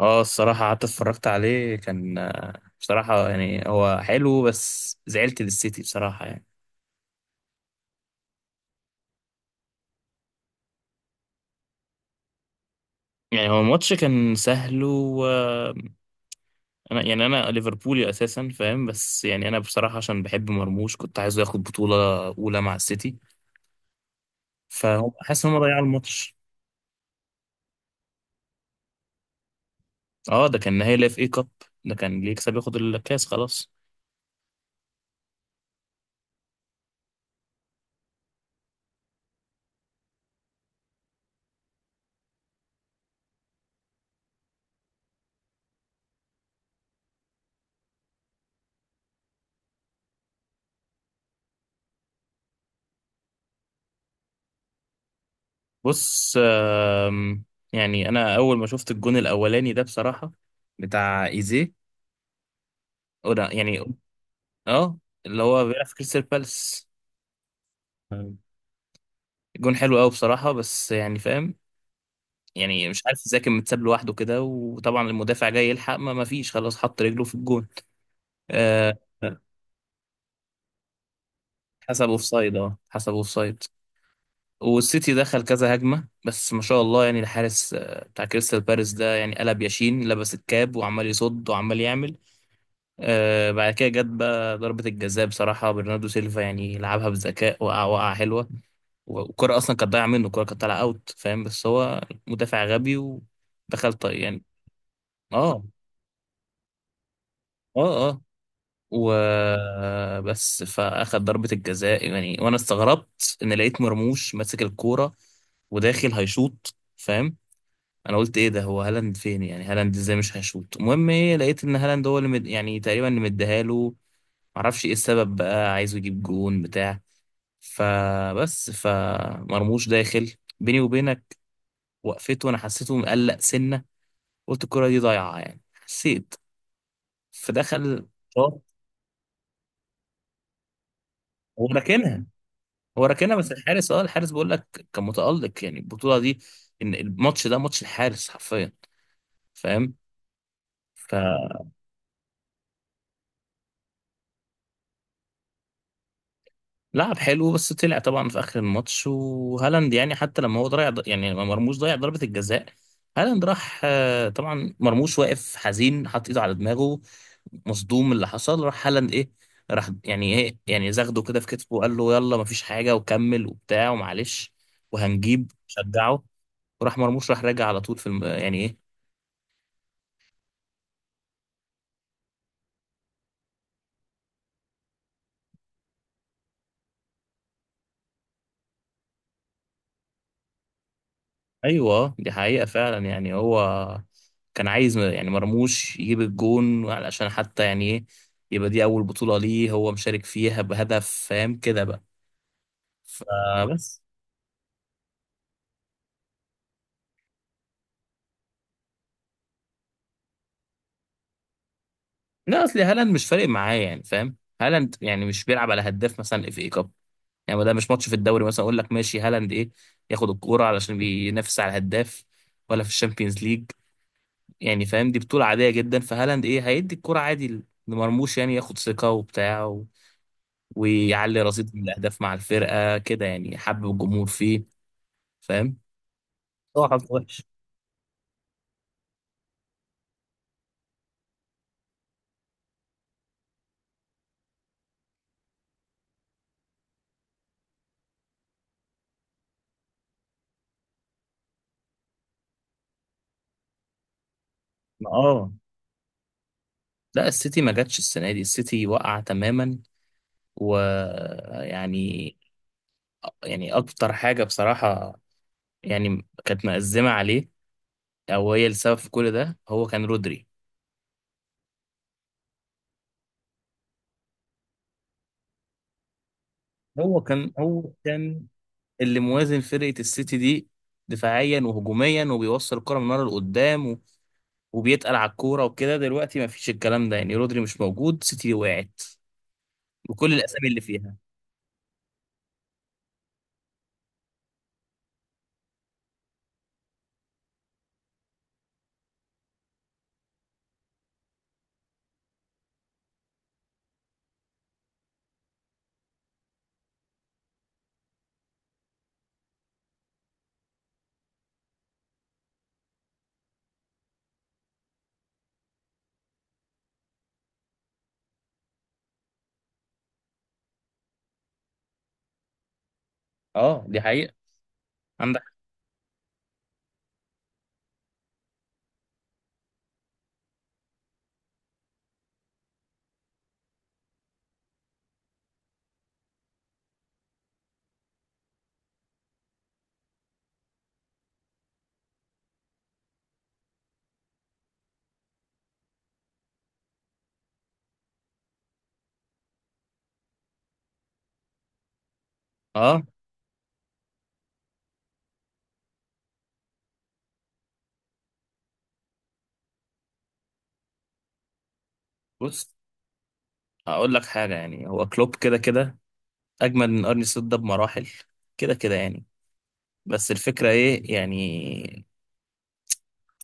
اه الصراحة قعدت اتفرجت عليه كان بصراحة يعني هو حلو بس زعلت للسيتي بصراحة يعني. يعني هو الماتش كان سهل و انا يعني انا ليفربولي اساسا فاهم، بس يعني انا بصراحة عشان بحب مرموش كنت عايزه ياخد بطولة اولى مع السيتي، فهم حاسس ان هم ضيعوا الماتش. اه ده كان نهائي لاف اي كاب، ده كان اللي يكسب ياخد الكاس خلاص. بص، آم، يعني انا اول ما شفت الجون الاولاني ده بصراحة بتاع ايزيه أو ده يعني، اه اللي هو بيلعب في كريستال بالاس. أيوة. الجون حلو قوي بصراحة بس يعني فاهم، يعني مش عارف ازاي كان متساب لوحده كده، وطبعا المدافع جاي يلحق ما فيش، خلاص حط رجله في الجون. آه حسب اوفسايد، اه حسب اوفسايد. والسيتي دخل كذا هجمة بس ما شاء الله يعني الحارس بتاع كريستال بالاس ده يعني قلب ياشين، لبس الكاب وعمال يصد وعمال يعمل. بعد كده جت بقى ضربة الجزاء، بصراحة برناردو سيلفا يعني لعبها بذكاء، وقع وقع حلوة. والكرة أصلا كانت ضايعة منه، الكرة كانت طالعة أوت فاهم، بس هو مدافع غبي ودخل طيب يعني. اه اه اه. وبس فأخد ضربة الجزاء يعني، وأنا استغربت إن لقيت مرموش ماسك الكورة وداخل هيشوط فاهم. انا قلت ايه ده، هو هالاند فين؟ يعني هالاند ازاي مش هيشوط؟ المهم ايه، لقيت ان هالاند هو اللي يعني تقريبا اللي مديها له، معرفش ايه السبب بقى، عايزه يجيب جون بتاع. فبس، فمرموش داخل بيني وبينك، وقفته وانا حسيته مقلق سنه، قلت الكره دي ضايعه يعني، حسيت. فدخل شاط، هو راكنها، هو راكنها بس الحارس، اه الحارس بقول لك كان متالق يعني البطوله دي، ان الماتش ده ماتش الحارس حرفيا فاهم. لعب حلو بس طلع طبعا في اخر الماتش، وهالاند يعني حتى لما هو ضيع، يعني لما مرموش ضيع ضربة الجزاء، هالاند راح طبعا مرموش واقف حزين حاطط ايده على دماغه، مصدوم من اللي حصل، راح هالاند ايه، راح يعني ايه، يعني زغده كده في كتفه، وقال له يلا مفيش حاجة وكمل وبتاع ومعلش وهنجيب شجعه. وراح مرموش راح راجع على طول في يعني ايه. ايوه دي حقيقة فعلا يعني، هو كان عايز يعني مرموش يجيب الجون علشان حتى يعني ايه، يبقى دي اول بطولة ليه هو مشارك فيها بهدف، فاهم كده بقى فبس. لا اصل هالاند مش فارق معاه يعني فاهم، هالاند يعني مش بيلعب على هداف مثلا، اف اي كاب يعني، ما ده مش ماتش في الدوري مثلا اقول لك ماشي هالاند ايه ياخد الكورة علشان بينافس على الهداف، ولا في الشامبيونز ليج، يعني فاهم دي بطولة عادية جدا، فهالاند ايه هيدي الكورة عادي لمرموش، يعني ياخد ثقة وبتاع ويعلي رصيد الاهداف مع الفرقه كده، يعني حب الجمهور فيه فاهم. هو حظ وحش. اه، لا السيتي ما جاتش السنه دي، السيتي وقع تماما ويعني، يعني اكتر حاجه بصراحه يعني كانت مأزمه عليه، او هي السبب في كل ده، هو كان رودري. هو كان اللي موازن فرقه السيتي دي، دفاعيا وهجوميا، وبيوصل الكره من ورا لقدام وبيتقل على الكوره وكده، دلوقتي ما فيش الكلام ده، يعني رودري مش موجود، سيتي وقعت بكل الاسامي اللي فيها. اه دي حقيقة عندك. اه بص، هقول لك حاجة يعني، هو كلوب كده كده اجمل من ارني سلوت ده بمراحل، كده كده يعني. بس الفكرة ايه يعني،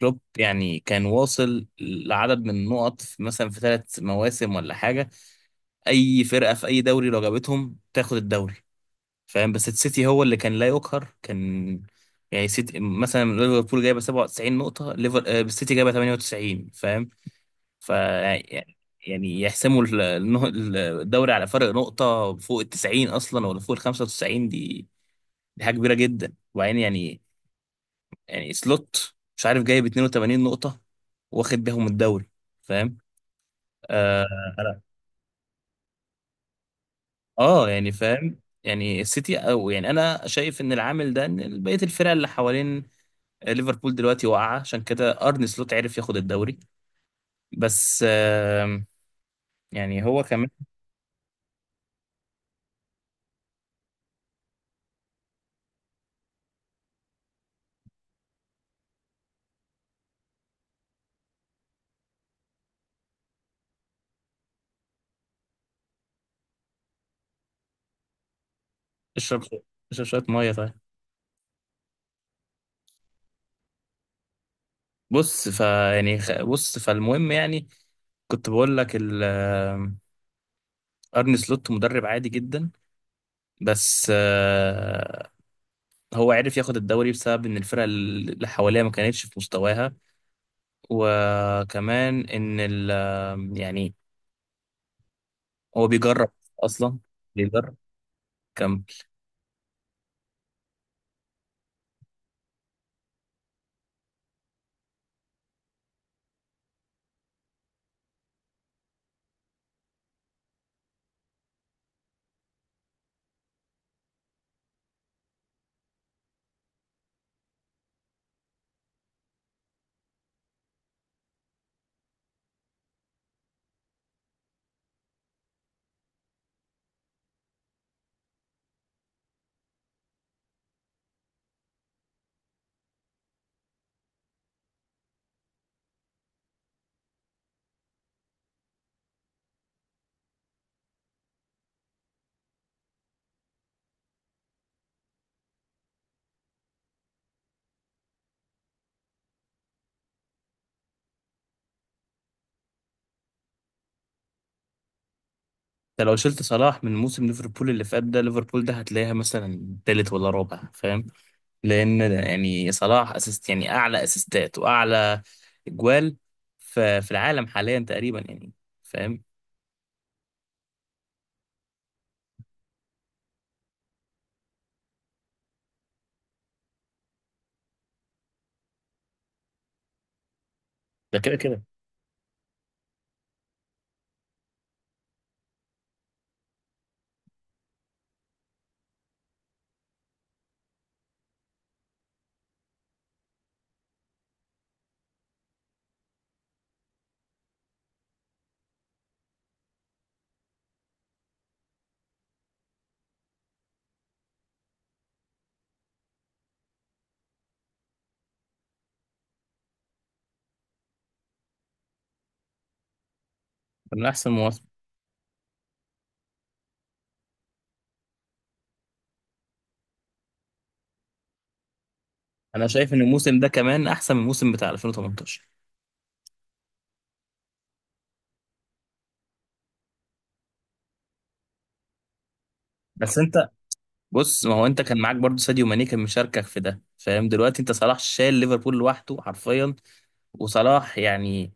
كلوب يعني كان واصل لعدد من النقط مثلا في ثلاث مواسم ولا حاجة، اي فرقة في اي دوري لو جابتهم تاخد الدوري فاهم، بس السيتي هو اللي كان لا يقهر، كان يعني سيتي مثلا، ليفربول جايبه 97 نقطة، ليفر آه، السيتي جايبه 98 فاهم، ف يعني يحسموا الدوري على فرق نقطة فوق ال 90 أصلا، ولا فوق ال 95، دي دي حاجة كبيرة جدا، وبعدين يعني، يعني سلوت مش عارف جايب 82 نقطة واخد بيهم الدوري فاهم. آه, يعني فاهم، يعني السيتي، أو يعني أنا شايف إن العامل ده، إن بقية الفرق اللي حوالين ليفربول دلوقتي واقعة، عشان كده أرن سلوت عرف ياخد الدوري. بس يعني هو كمان. اشرب، اشرب شوية مية طيب. بص فالمهم يعني كنت بقول لك ارني سلوت مدرب عادي جدا، بس هو عرف ياخد الدوري بسبب ان الفرق اللي حواليه ما كانتش في مستواها، وكمان ان ال آه، يعني هو بيجرب اصلا، بيجرب كم. انت لو شلت صلاح من موسم ليفربول اللي فات ده، ليفربول ده هتلاقيها مثلا تالت ولا رابع فاهم. لان يعني صلاح اسيست يعني اعلى اسيستات واعلى اجوال في العالم حاليا تقريبا يعني فاهم. ده كده كده من احسن مواسم. انا شايف ان الموسم ده كمان احسن من الموسم بتاع 2018. بس انت بص، ما هو انت كان معاك برضو ساديو ماني كان مشاركك في ده فاهم، دلوقتي انت صلاح شايل ليفربول لوحده حرفيا. وصلاح يعني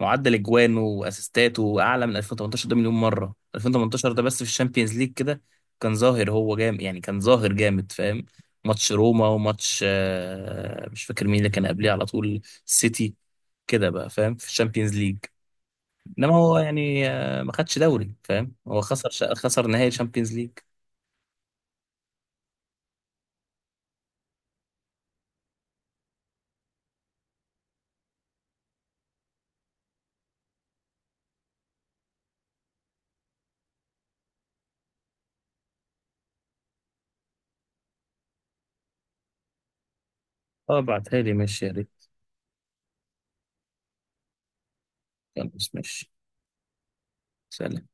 معدل اجوانه واسيستاته اعلى من 2018 ده مليون مره، 2018 ده بس في الشامبيونز ليج كده كان ظاهر هو جامد يعني، كان ظاهر جامد فاهم. ماتش روما وماتش مش فاكر مين اللي كان قبليه على طول، السيتي كده بقى فاهم في الشامبيونز ليج، انما هو يعني ما خدش دوري فاهم، هو خسر نهائي الشامبيونز ليج. اه بعتها لي ماشي يا ريت. خلاص ماشي. سلام.